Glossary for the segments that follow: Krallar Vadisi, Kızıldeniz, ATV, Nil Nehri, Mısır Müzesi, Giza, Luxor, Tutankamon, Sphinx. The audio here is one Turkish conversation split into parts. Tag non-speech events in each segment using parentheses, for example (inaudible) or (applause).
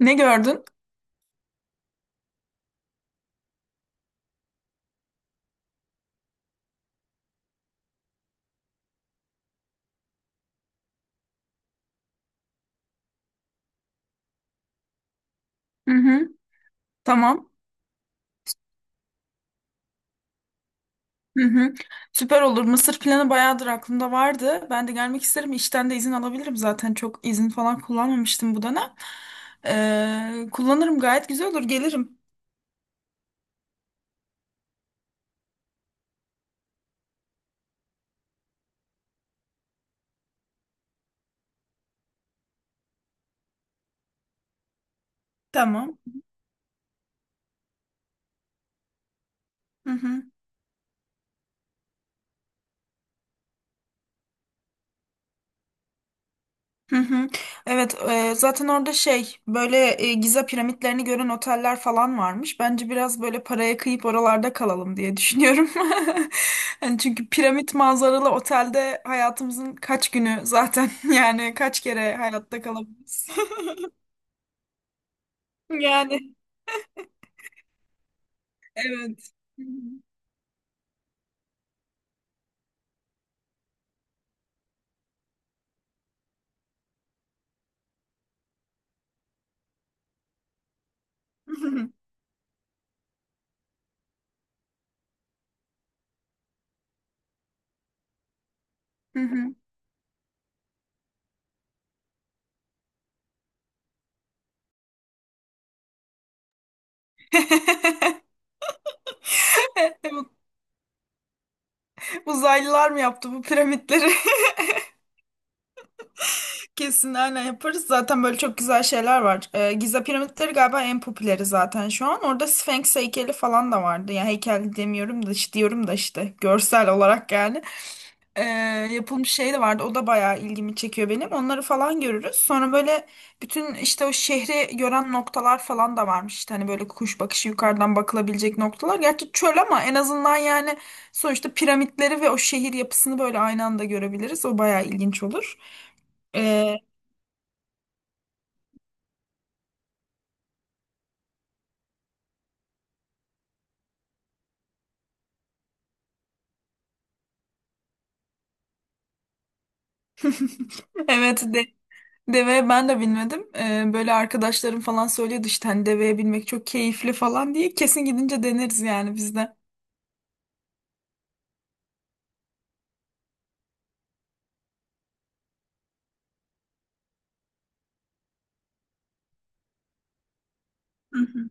Ne gördün? Hı hı. Tamam. Hı hı. Süper olur. Mısır planı bayağıdır aklımda vardı. Ben de gelmek isterim. İşten de izin alabilirim zaten. Çok izin falan kullanmamıştım bu dönem. Kullanırım gayet güzel olur. Gelirim. Tamam. Hı hı. Hı hı. Evet, zaten orada şey böyle Giza piramitlerini gören oteller falan varmış. Bence biraz böyle paraya kıyıp oralarda kalalım diye düşünüyorum. (laughs) Hani çünkü piramit manzaralı otelde hayatımızın kaç günü zaten (laughs) yani kaç kere hayatta kalabiliriz. (laughs) Yani evet. Hı hı. Hı hı. (laughs) Evet, uzaylılar mı yaptı bu piramitleri? (laughs) Kesin aynen yaparız. Zaten böyle çok güzel şeyler var. Giza piramitleri galiba en popüleri zaten şu an. Orada Sphinx heykeli falan da vardı. Yani heykel demiyorum da işte diyorum da işte görsel olarak yani. Ee, yapılmış şey de vardı. O da bayağı ilgimi çekiyor benim. Onları falan görürüz. Sonra böyle bütün işte o şehri gören noktalar falan da varmış. İşte hani böyle kuş bakışı yukarıdan bakılabilecek noktalar. Gerçi çöl ama en azından yani sonuçta piramitleri ve o şehir yapısını böyle aynı anda görebiliriz. O bayağı ilginç olur. Ee, Evet de, deve ben de bilmedim. Böyle arkadaşlarım falan söylüyordu işte hani deveye binmek çok keyifli falan diye. Kesin gidince deneriz yani biz de. Hı hı.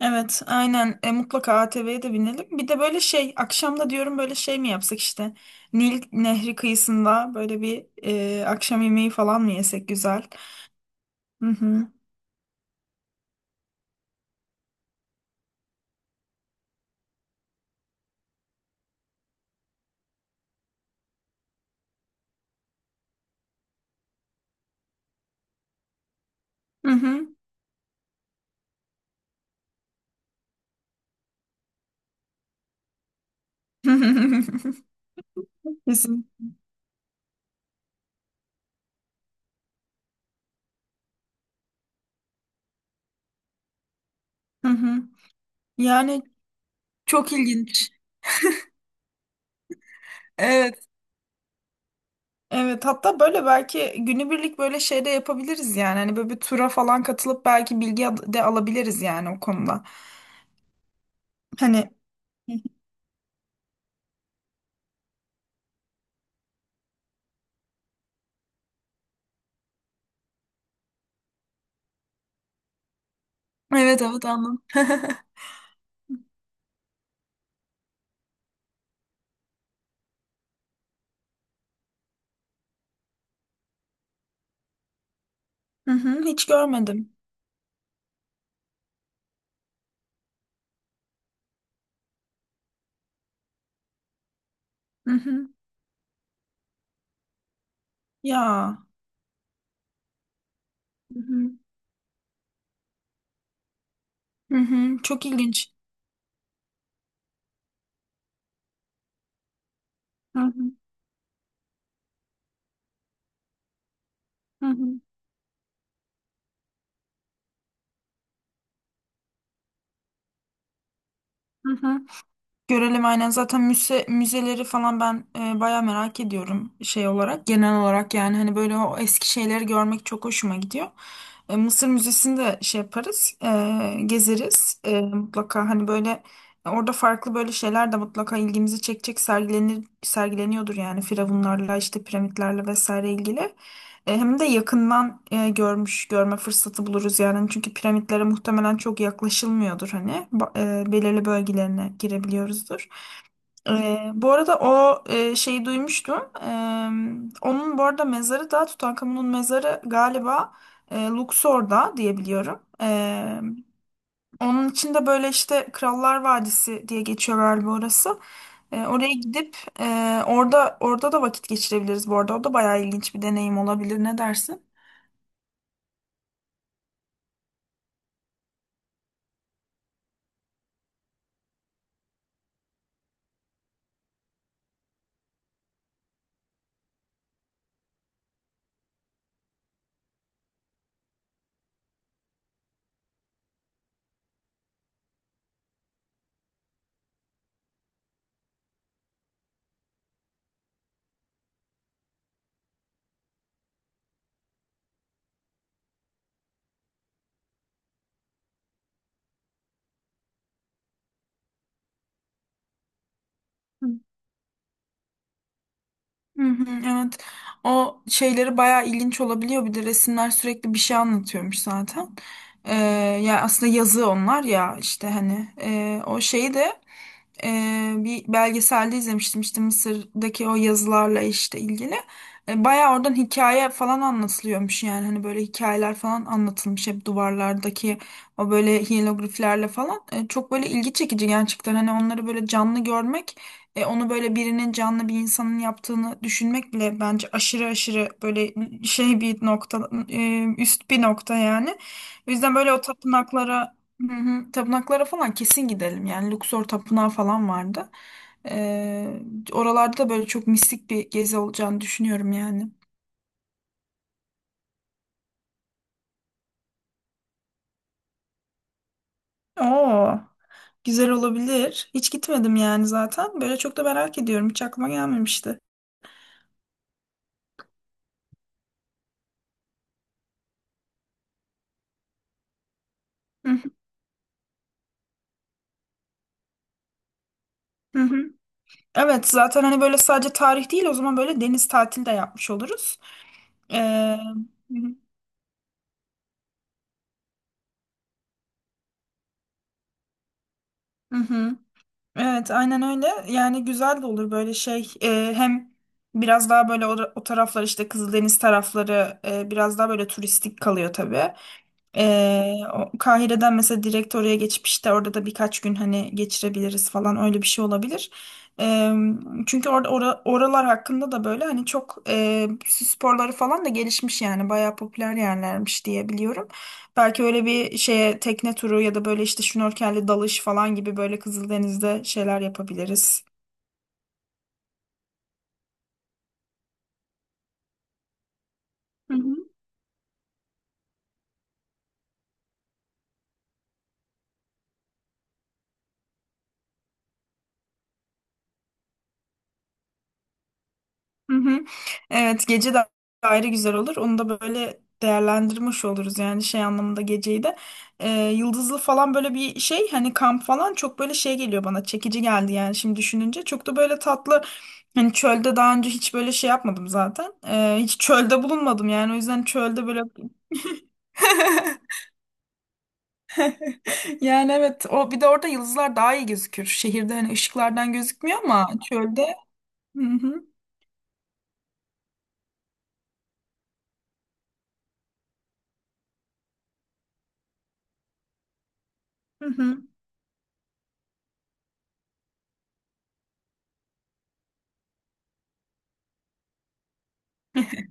Evet, aynen. Mutlaka ATV'ye de binelim. Bir de böyle şey, akşamda diyorum böyle şey mi yapsak işte. Nil Nehri kıyısında böyle bir akşam yemeği falan mı yesek güzel? Hı hı. Hı hı. (laughs) Kesin. Hı hı. Yani çok ilginç. Evet. Evet, hatta böyle belki günübirlik böyle şey de yapabiliriz yani. Hani böyle bir tura falan katılıp belki bilgi de alabiliriz yani o konuda. Hani evet evet, anladım. (laughs) Hı hı, hiç görmedim. Hı hı. Ya. Hı hı. Hı hı, çok ilginç. Hı hı. Hı hı. Hı hı. Görelim aynen, zaten müzeleri falan ben bayağı merak ediyorum şey olarak, genel olarak yani. Hani böyle o eski şeyleri görmek çok hoşuma gidiyor. Mısır Müzesi'ni de şey yaparız, gezeriz. Mutlaka hani böyle orada farklı böyle şeyler de mutlaka ilgimizi çekecek sergileniyordur yani firavunlarla işte piramitlerle vesaire ilgili. Hem de yakından e, görmüş görme fırsatı buluruz yani. Hani çünkü piramitlere muhtemelen çok yaklaşılmıyordur, hani belirli bölgelerine girebiliyoruzdur. Bu arada o şeyi duymuştum. E, onun bu arada mezarı da, Tutankamon'un mezarı galiba Luxor'da diyebiliyorum. Onun için de böyle işte Krallar Vadisi diye geçiyor galiba orası. Oraya gidip orada da vakit geçirebiliriz bu arada. O da bayağı ilginç bir deneyim olabilir. Ne dersin? Hı hı, evet. O şeyleri bayağı ilginç olabiliyor. Bir de resimler sürekli bir şey anlatıyormuş zaten. Ee, Ya aslında yazı onlar ya, işte hani o şeyi de bir belgeselde izlemiştim işte Mısır'daki o yazılarla işte ilgili. Bayağı oradan hikaye falan anlatılıyormuş yani. Hani böyle hikayeler falan anlatılmış hep duvarlardaki o böyle hiyelogliflerle falan. Çok böyle ilgi çekici gerçekten, hani onları böyle canlı görmek. Onu böyle birinin, canlı bir insanın yaptığını düşünmek bile bence aşırı aşırı böyle şey bir nokta, üst bir nokta yani. O yüzden böyle o tapınaklara, hı hı, tapınaklara falan kesin gidelim. Yani Luxor tapınağı falan vardı. E, oralarda da böyle çok mistik bir gezi olacağını düşünüyorum yani. Oo, güzel olabilir. Hiç gitmedim yani zaten. Böyle çok da merak ediyorum. Hiç aklıma gelmemişti. Hı hı. Hı hı. Evet, zaten hani böyle sadece tarih değil, o zaman böyle deniz tatili de yapmış oluruz. Ee, hı hı. Hı hı. Evet, aynen öyle. Yani güzel de olur böyle şey. Hem biraz daha böyle o taraflar, işte Kızıldeniz tarafları biraz daha böyle turistik kalıyor tabii. E, Kahire'den mesela direkt oraya geçip işte orada da birkaç gün hani geçirebiliriz falan, öyle bir şey olabilir. E, çünkü orada oralar hakkında da böyle hani çok sporları falan da gelişmiş yani, bayağı popüler yerlermiş diye biliyorum. Belki öyle bir şeye tekne turu ya da böyle işte şnorkelli dalış falan gibi böyle Kızıldeniz'de şeyler yapabiliriz. Hı hı. Hı hı. Evet, gece de ayrı güzel olur. Onu da böyle değerlendirmiş oluruz yani şey anlamında, geceyi de. Ee, yıldızlı falan böyle bir şey, hani kamp falan çok böyle şey geliyor bana, çekici geldi yani şimdi düşününce. Çok da böyle tatlı, hani çölde daha önce hiç böyle şey yapmadım zaten. Hiç çölde bulunmadım yani, o yüzden çölde böyle (laughs) yani evet, o bir de orada yıldızlar daha iyi gözükür. Şehirde hani ışıklardan gözükmüyor ama çölde. Hı hı. Hı hı. (laughs)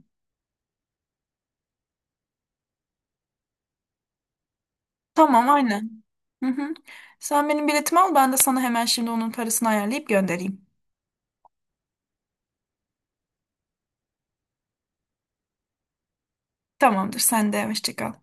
Tamam, aynen. Hı hı. Sen benim biletimi al, ben de sana hemen şimdi onun parasını ayarlayıp göndereyim. Tamamdır, sen de hoşça kal.